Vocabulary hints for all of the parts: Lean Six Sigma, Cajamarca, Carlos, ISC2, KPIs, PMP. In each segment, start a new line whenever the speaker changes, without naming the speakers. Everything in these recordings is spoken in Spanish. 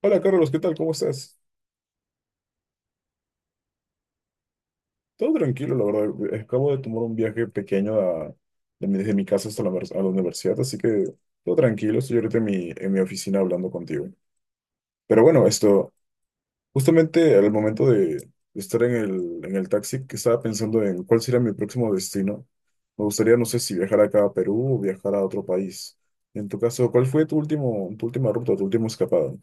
Hola Carlos, ¿qué tal? ¿Cómo estás? Todo tranquilo, la verdad. Acabo de tomar un viaje pequeño desde mi casa hasta a la universidad, así que todo tranquilo. Estoy ahorita en mi oficina hablando contigo. Pero bueno, esto, justamente al momento de estar en el taxi, que estaba pensando en cuál sería mi próximo destino. Me gustaría, no sé si viajar acá a Perú o viajar a otro país. En tu caso, ¿cuál fue tu última ruta, tu último escapada?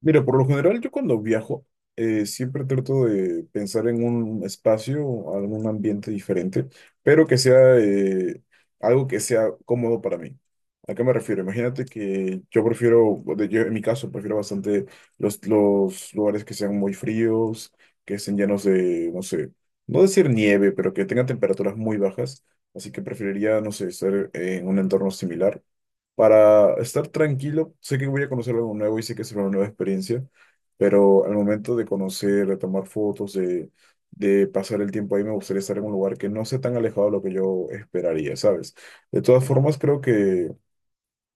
Mira, por lo general yo cuando viajo siempre trato de pensar en un espacio, algún ambiente diferente, pero que sea algo que sea cómodo para mí. ¿A qué me refiero? Imagínate que yo yo en mi caso prefiero bastante los lugares que sean muy fríos, que estén llenos de, no sé, no decir nieve, pero que tengan temperaturas muy bajas. Así que preferiría, no sé, estar en un entorno similar. Para estar tranquilo, sé que voy a conocer algo nuevo y sé que será una nueva experiencia, pero al momento de conocer, de tomar fotos, de pasar el tiempo ahí, me gustaría estar en un lugar que no sea tan alejado de lo que yo esperaría, ¿sabes? De todas formas, creo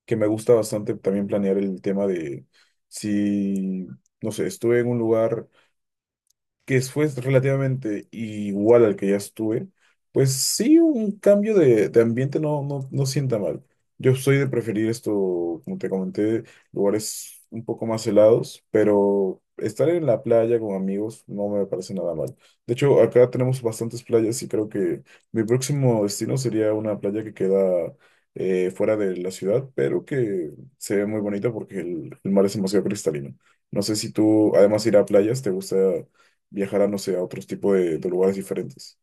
que me gusta bastante también planear el tema de si, no sé, estuve en un lugar que fue relativamente igual al que ya estuve, pues sí, un cambio de ambiente no sienta mal. Yo soy de preferir esto, como te comenté, lugares un poco más helados, pero estar en la playa con amigos no me parece nada mal. De hecho, acá tenemos bastantes playas y creo que mi próximo destino sería una playa que queda fuera de la ciudad, pero que se ve muy bonita porque el mar es demasiado cristalino. No sé si tú, además de ir a playas, te gusta viajar a, no sé, a otros tipos de lugares diferentes.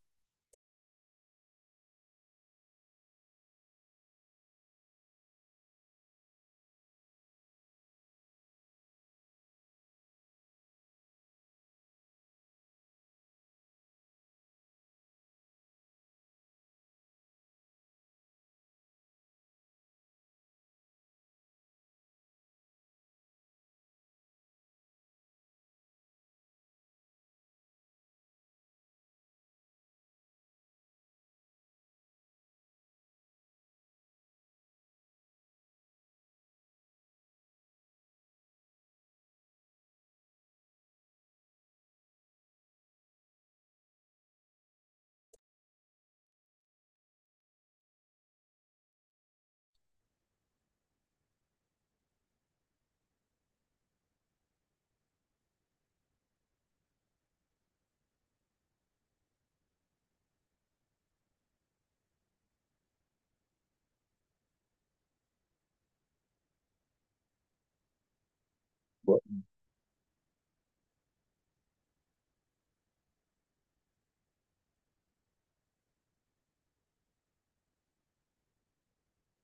Guau.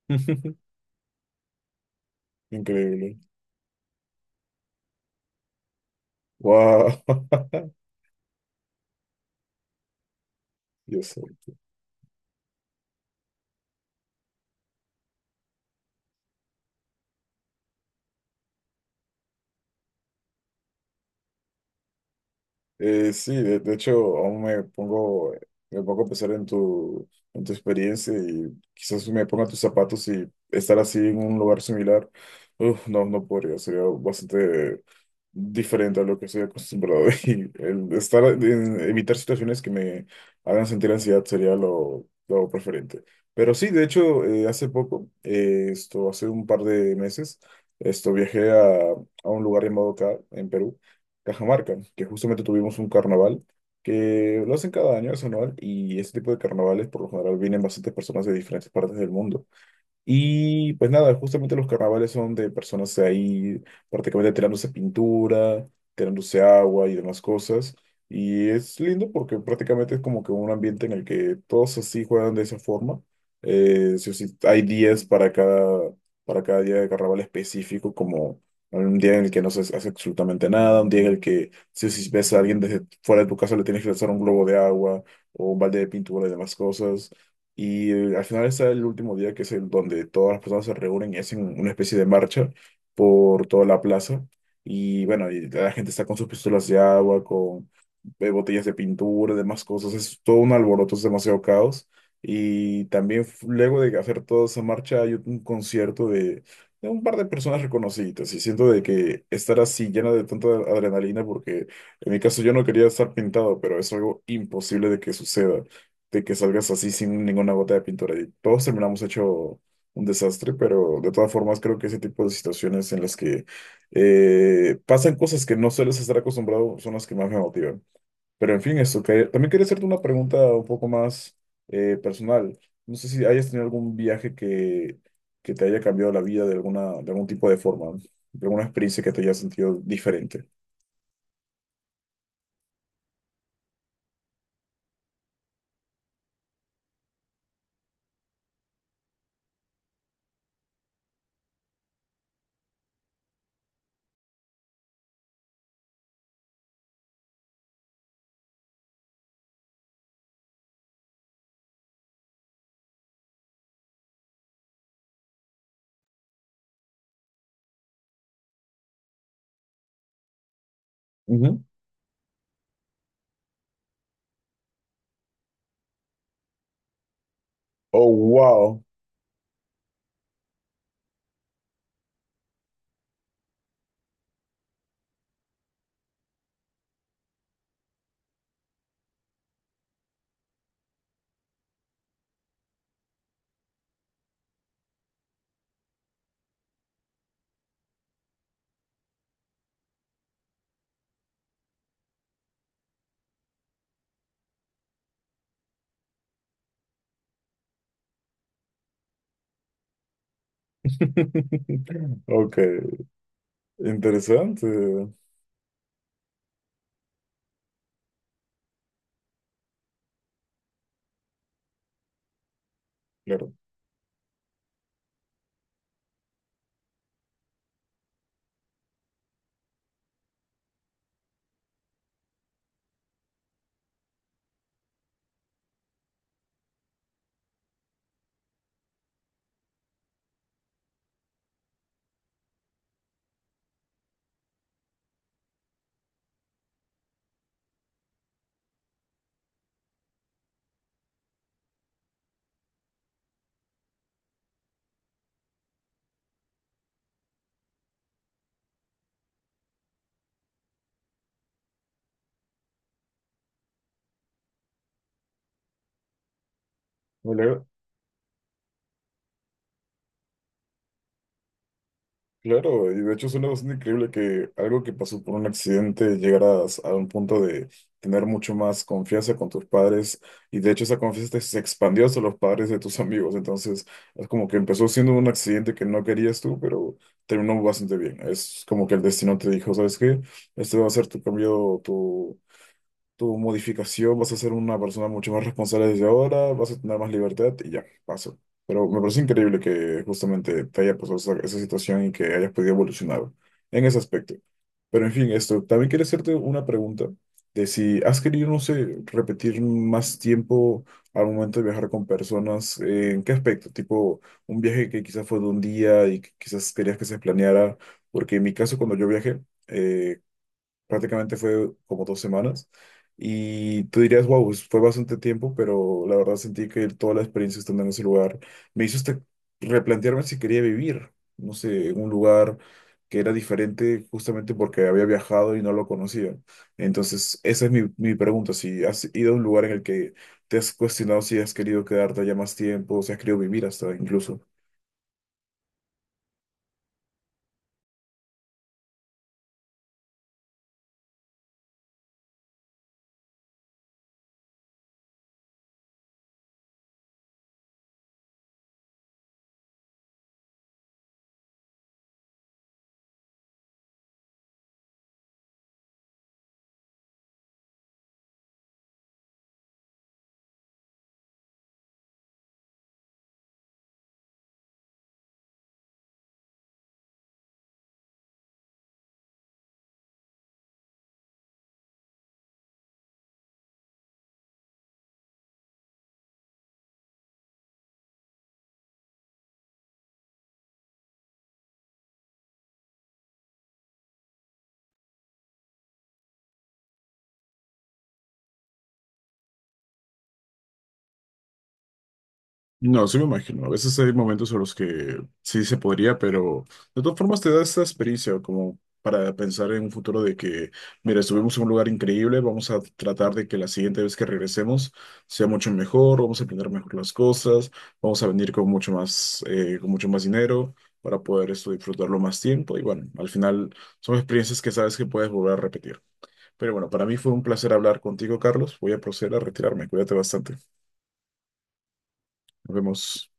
Increíble. Wow. Dios. Sí, de hecho, aún me me pongo a pensar en tu experiencia y quizás me ponga tus zapatos y estar así en un lugar similar. Uf, no, no podría, sería bastante diferente a lo que estoy acostumbrado. Y el evitar situaciones que me hagan sentir ansiedad sería lo preferente. Pero sí, de hecho, hace poco, hace un par de meses, esto, viajé a un lugar llamado acá, en Perú. Cajamarca, que justamente tuvimos un carnaval que lo hacen cada año, es anual, y este tipo de carnavales por lo general vienen bastantes personas de diferentes partes del mundo. Y pues nada, justamente los carnavales son de personas ahí prácticamente tirándose pintura, tirándose agua y demás cosas. Y es lindo porque prácticamente es como que un ambiente en el que todos así juegan de esa forma. Sí o sí, hay días para para cada día de carnaval específico, como un día en el que no se hace absolutamente nada, un día en el que sí o sí, ves a alguien desde fuera de tu casa le tienes que lanzar un globo de agua o un balde de pintura y demás cosas. Y al final está el último día, que es el donde todas las personas se reúnen y hacen una especie de marcha por toda la plaza. Y bueno, y la gente está con sus pistolas de agua, con botellas de pintura, demás cosas. Es todo un alboroto, es demasiado caos. Y también luego de hacer toda esa marcha hay un concierto de un par de personas reconocidas. Y siento de que estar así llena de tanta adrenalina, porque en mi caso yo no quería estar pintado, pero es algo imposible de que suceda de que salgas así sin ninguna gota de pintura. Y todos terminamos hecho un desastre, pero de todas formas creo que ese tipo de situaciones en las que pasan cosas que no sueles estar acostumbrado son las que más me motivan. Pero en fin, eso. También quería hacerte una pregunta un poco más personal. No sé si hayas tenido algún viaje que te haya cambiado la vida de de algún tipo de forma, de alguna experiencia que te haya sentido diferente. Ujú. Oh, wow. Ok, interesante. Claro. Claro, claro, y de hecho suena bastante increíble que algo que pasó por un accidente llegaras a un punto de tener mucho más confianza con tus padres y de hecho esa confianza se expandió hacia los padres de tus amigos, entonces es como que empezó siendo un accidente que no querías tú, pero terminó bastante bien. Es como que el destino te dijo, ¿sabes qué? Este va a ser tu cambio, tu modificación, vas a ser una persona mucho más responsable desde ahora, vas a tener más libertad y ya, paso. Pero me parece increíble que justamente te haya pasado esa situación y que hayas podido evolucionar en ese aspecto. Pero en fin, esto, también quería hacerte una pregunta de si has querido, no sé, repetir más tiempo al momento de viajar con personas, ¿en qué aspecto? Tipo, un viaje que quizás fue de un día y que quizás querías que se planeara, porque en mi caso cuando yo viajé, eh, prácticamente fue como 2 semanas. Y tú dirías, wow, fue bastante tiempo, pero la verdad sentí que toda la experiencia estando en ese lugar me hizo hasta replantearme si quería vivir, no sé, en un lugar que era diferente justamente porque había viajado y no lo conocía. Entonces, esa es mi pregunta, si has ido a un lugar en el que te has cuestionado si has querido quedarte allá más tiempo, si has querido vivir hasta incluso. No, sí me imagino. A veces hay momentos en los que sí se podría, pero de todas formas te da esa experiencia como para pensar en un futuro de que, mira, estuvimos en un lugar increíble, vamos a tratar de que la siguiente vez que regresemos sea mucho mejor, vamos a aprender mejor las cosas, vamos a venir con mucho más dinero para poder esto disfrutarlo más tiempo. Y bueno, al final son experiencias que sabes que puedes volver a repetir. Pero bueno, para mí fue un placer hablar contigo, Carlos. Voy a proceder a retirarme. Cuídate bastante. Nos vemos.